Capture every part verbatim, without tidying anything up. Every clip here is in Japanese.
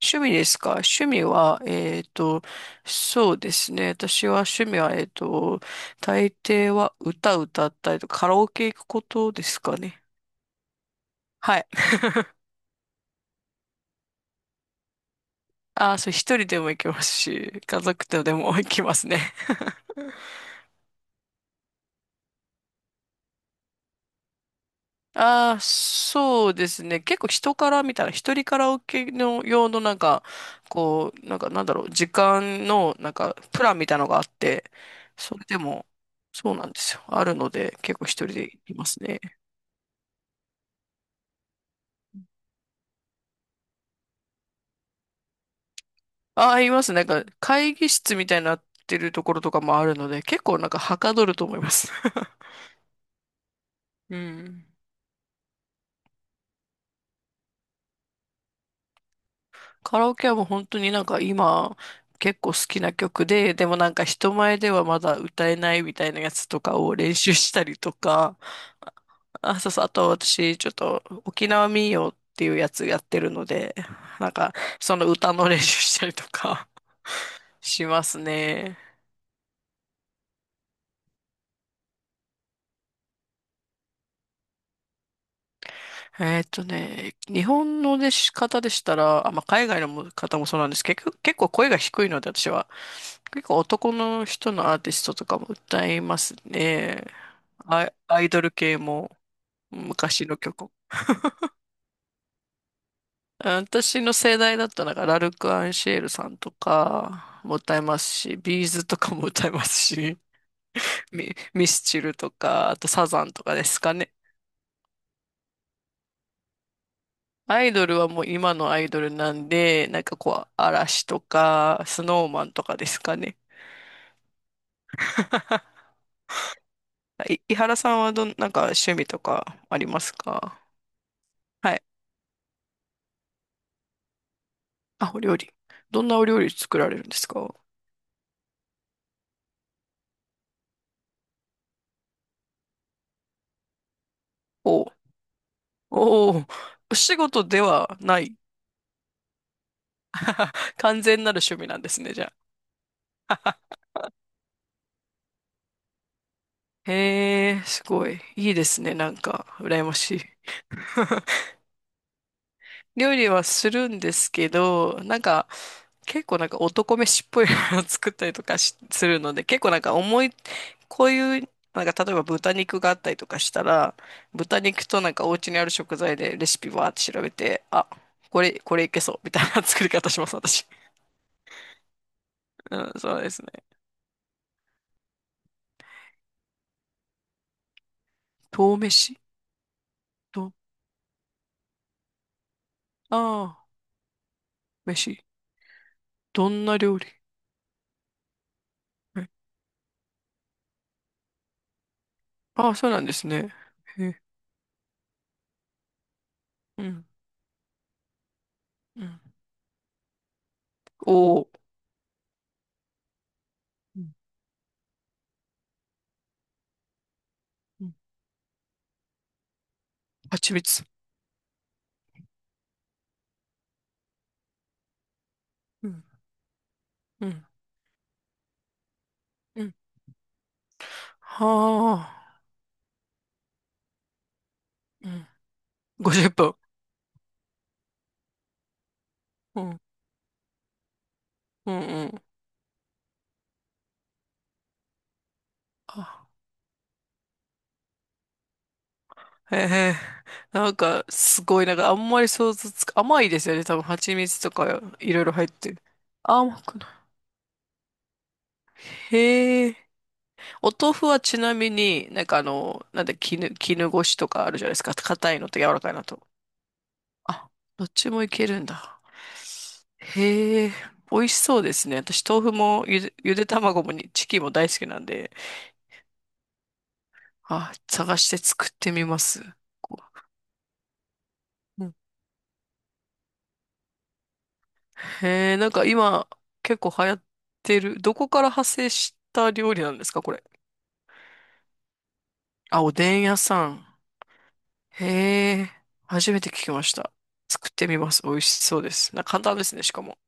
趣味ですか？趣味は、えっと、そうですね。私は趣味は、えっと、大抵は歌歌ったりとかカラオケ行くことですかね。はい。ああ、そう、一人でも行きますし、家族とでも行きますね。ああ、そうですね。結構人から見たら、一人カラオケの用のなんか、こう、なんかなんだろう、時間のなんか、プランみたいなのがあって、それでも、そうなんですよ。あるので、結構一人でいますね。ああ、いますね。なんか、会議室みたいになってるところとかもあるので、結構なんか、はかどると思います。うん。カラオケはもう本当になんか今結構好きな曲で、でもなんか人前ではまだ歌えないみたいなやつとかを練習したりとか、あ、そうそう、あと私ちょっと沖縄民謡っていうやつやってるので、なんかその歌の練習したりとか しますね。えーっとね、日本の出し方でしたら、あ、まあ、海外のも方もそうなんですけど、結構結構声が低いので私は、結構男の人のアーティストとかも歌いますね。アイ、アイドル系も昔の曲。私の世代だったら、なんかラルク・アンシエルさんとかも歌いますし、ビーズとかも歌いますし、ミ、ミスチルとか、あとサザンとかですかね。アイドルはもう今のアイドルなんで、なんかこう、嵐とか、スノーマンとかですかね。い、井原さんはどん、なんか趣味とかありますか？はい。あ、お料理。どんなお料理作られるんですか？おおおおお仕事ではない？ あ完全なる趣味なんですね、じゃあ。へえ、すごい。いいですね、なんか、羨ましい。料理はするんですけど、なんか、結構なんか男飯っぽいものを作ったりとかしするので、結構なんか重い、こういう、なんか例えば豚肉があったりとかしたら、豚肉となんかお家にある食材でレシピわーって調べて、あ、これ、これいけそう、みたいな作り方します、私。うん、そうですね。豆飯と、ああ、飯。どんな料理？ああ、そうなんですね。へえ、うん、うん。おお、うん、うん。蜂蜜。うん、うん、うん。はあ、うん。ごじゅっぷん。うん、うん、うん。あ、へえ、なんか、すごい、なんか、あんまり想像つか、甘いですよね。多分、蜂蜜とか、いろいろ入ってる。甘くない。へえ。お豆腐はちなみに、なんかあの、なんで、絹、絹ごしとかあるじゃないですか。硬いのと柔らかいのと。あ、どっちもいけるんだ。へえ、美味しそうですね。私、豆腐もゆで、ゆで卵もにチキンも大好きなんで、あ、探して作ってみます。こううんへえ、なんか今、結構流行ってる。どこから派生した料理なんですか、これ。あ、おでん屋さん。へえ、初めて聞きました。作ってみます。美味しそうです。な、簡単ですね、しかも。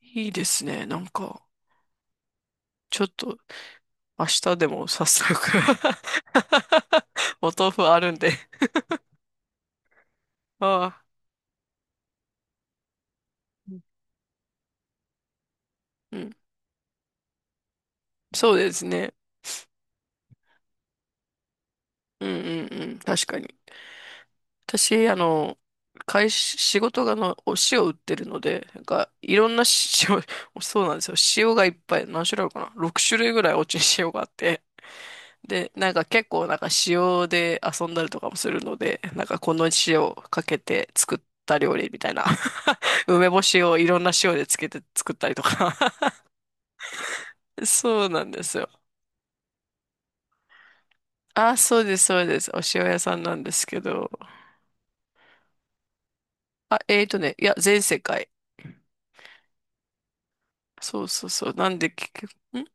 いいですね。なんか、ちょっと明日でも早速 お豆腐あるんで。ああ、うん。そうですね。うんうんうん。確かに。私、あの、会社、仕事がの、お塩売ってるので、なんか、いろんな塩、そうなんですよ。塩がいっぱい、何種類あるかな？ ろく 種類ぐらいお家に塩があって。で、なんか結構なんか塩で遊んだりとかもするので、なんかこの塩をかけて作った料理みたいな。梅干しをいろんな塩でつけて作ったりとかそうなんですよ。あ、そうです、そうです。お塩屋さんなんですけど。あ、えーとね、いや、全世界。そうそうそう。なんで結局、ん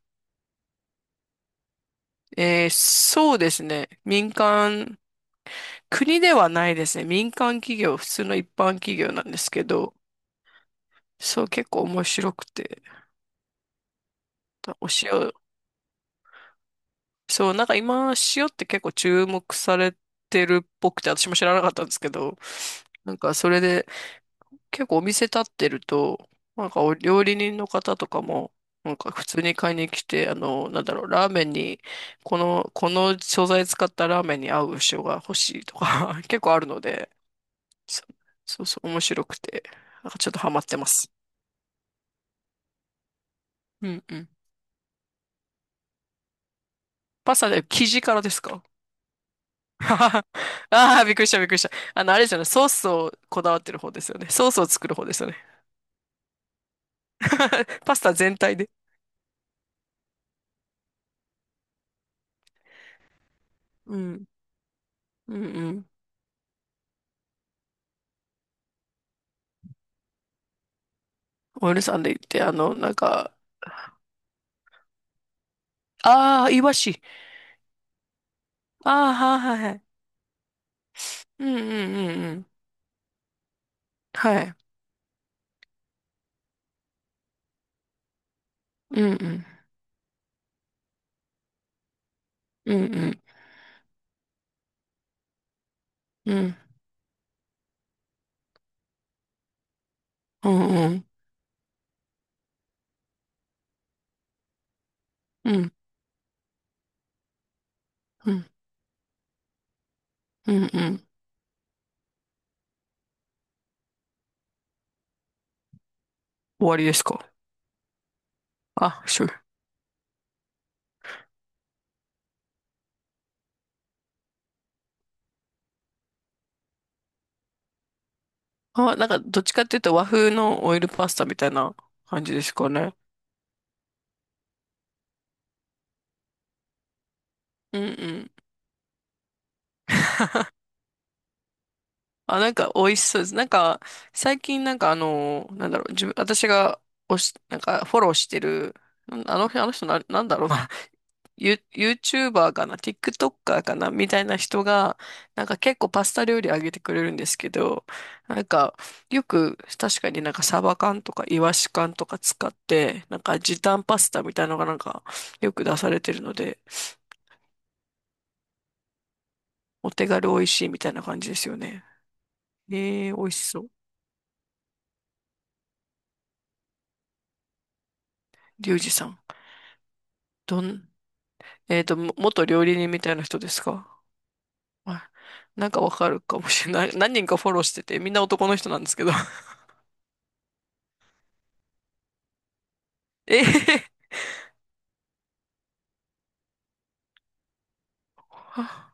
えー、そうですね。民間、国ではないですね。民間企業、普通の一般企業なんですけど、そう、結構面白くて。お塩、そう、なんか今、塩って結構注目されてるっぽくて、私も知らなかったんですけど、なんかそれで、結構お店立ってると、なんかお料理人の方とかも、なんか普通に買いに来て、あの、なんだろう、ラーメンに、この、この素材使ったラーメンに合う塩が欲しいとか 結構あるので、そ、そうそう、面白くて、なんかちょっとハマってます。うんうん。パスタで生地からですか？ ああー、びっくりした、びっくりした。あの、あれですよね、ソースをこだわってる方ですよね。ソースを作る方ですよね。パスタ全体で。うん、うん、うん。お嫁さんで行って、あの、なんか、ああ、イワシ。ああ、はいはいはい。うんうんうんうん。はい。うんうん。うんうん。うんうん。うんうんうんうん。終わりですか？あ、そう。あ、なんか、どっちかっていうと和風のオイルパスタみたいな感じですかね。うんうん。あ、なんか美味しそうです。なんか、最近なんかあの、なんだろう、自分、私がおし、なんかフォローしてる、なんあの、あの人な、なんだろうな、ユ、YouTuber かな、TikToker かな、みたいな人が、なんか結構パスタ料理あげてくれるんですけど、なんか、よく確かになんかサバ缶とかイワシ缶とか使って、なんか時短パスタみたいなのがなんか、よく出されてるので、お手軽美味しいみたいな感じですよね。えー、美味しそう。リュウジさん。どん、えっと、も元料理人みたいな人ですか？はい。なんかわかるかもしれない。何人かフォローしてて、みんな男の人なんですけど。ええは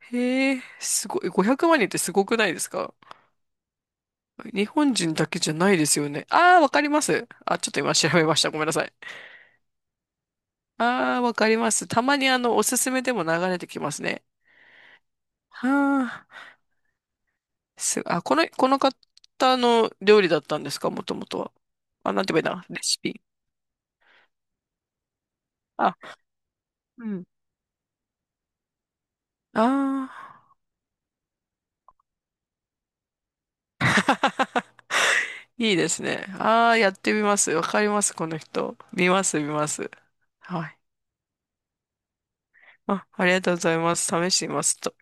へえ、すごい。ごひゃくまん人ってすごくないですか？日本人だけじゃないですよね。ああ、わかります。あ、ちょっと今調べました。ごめんなさい。ああ、わかります。たまにあの、おすすめでも流れてきますね。はあ、す、あ、この、この方の料理だったんですか？もともとは。あ、なんて言えばいいな。レシピ。あ、うん。ああ。いいですね。ああ、やってみます。わかります、この人。見ます、見ます。はい。あ、ありがとうございます。試してみますと。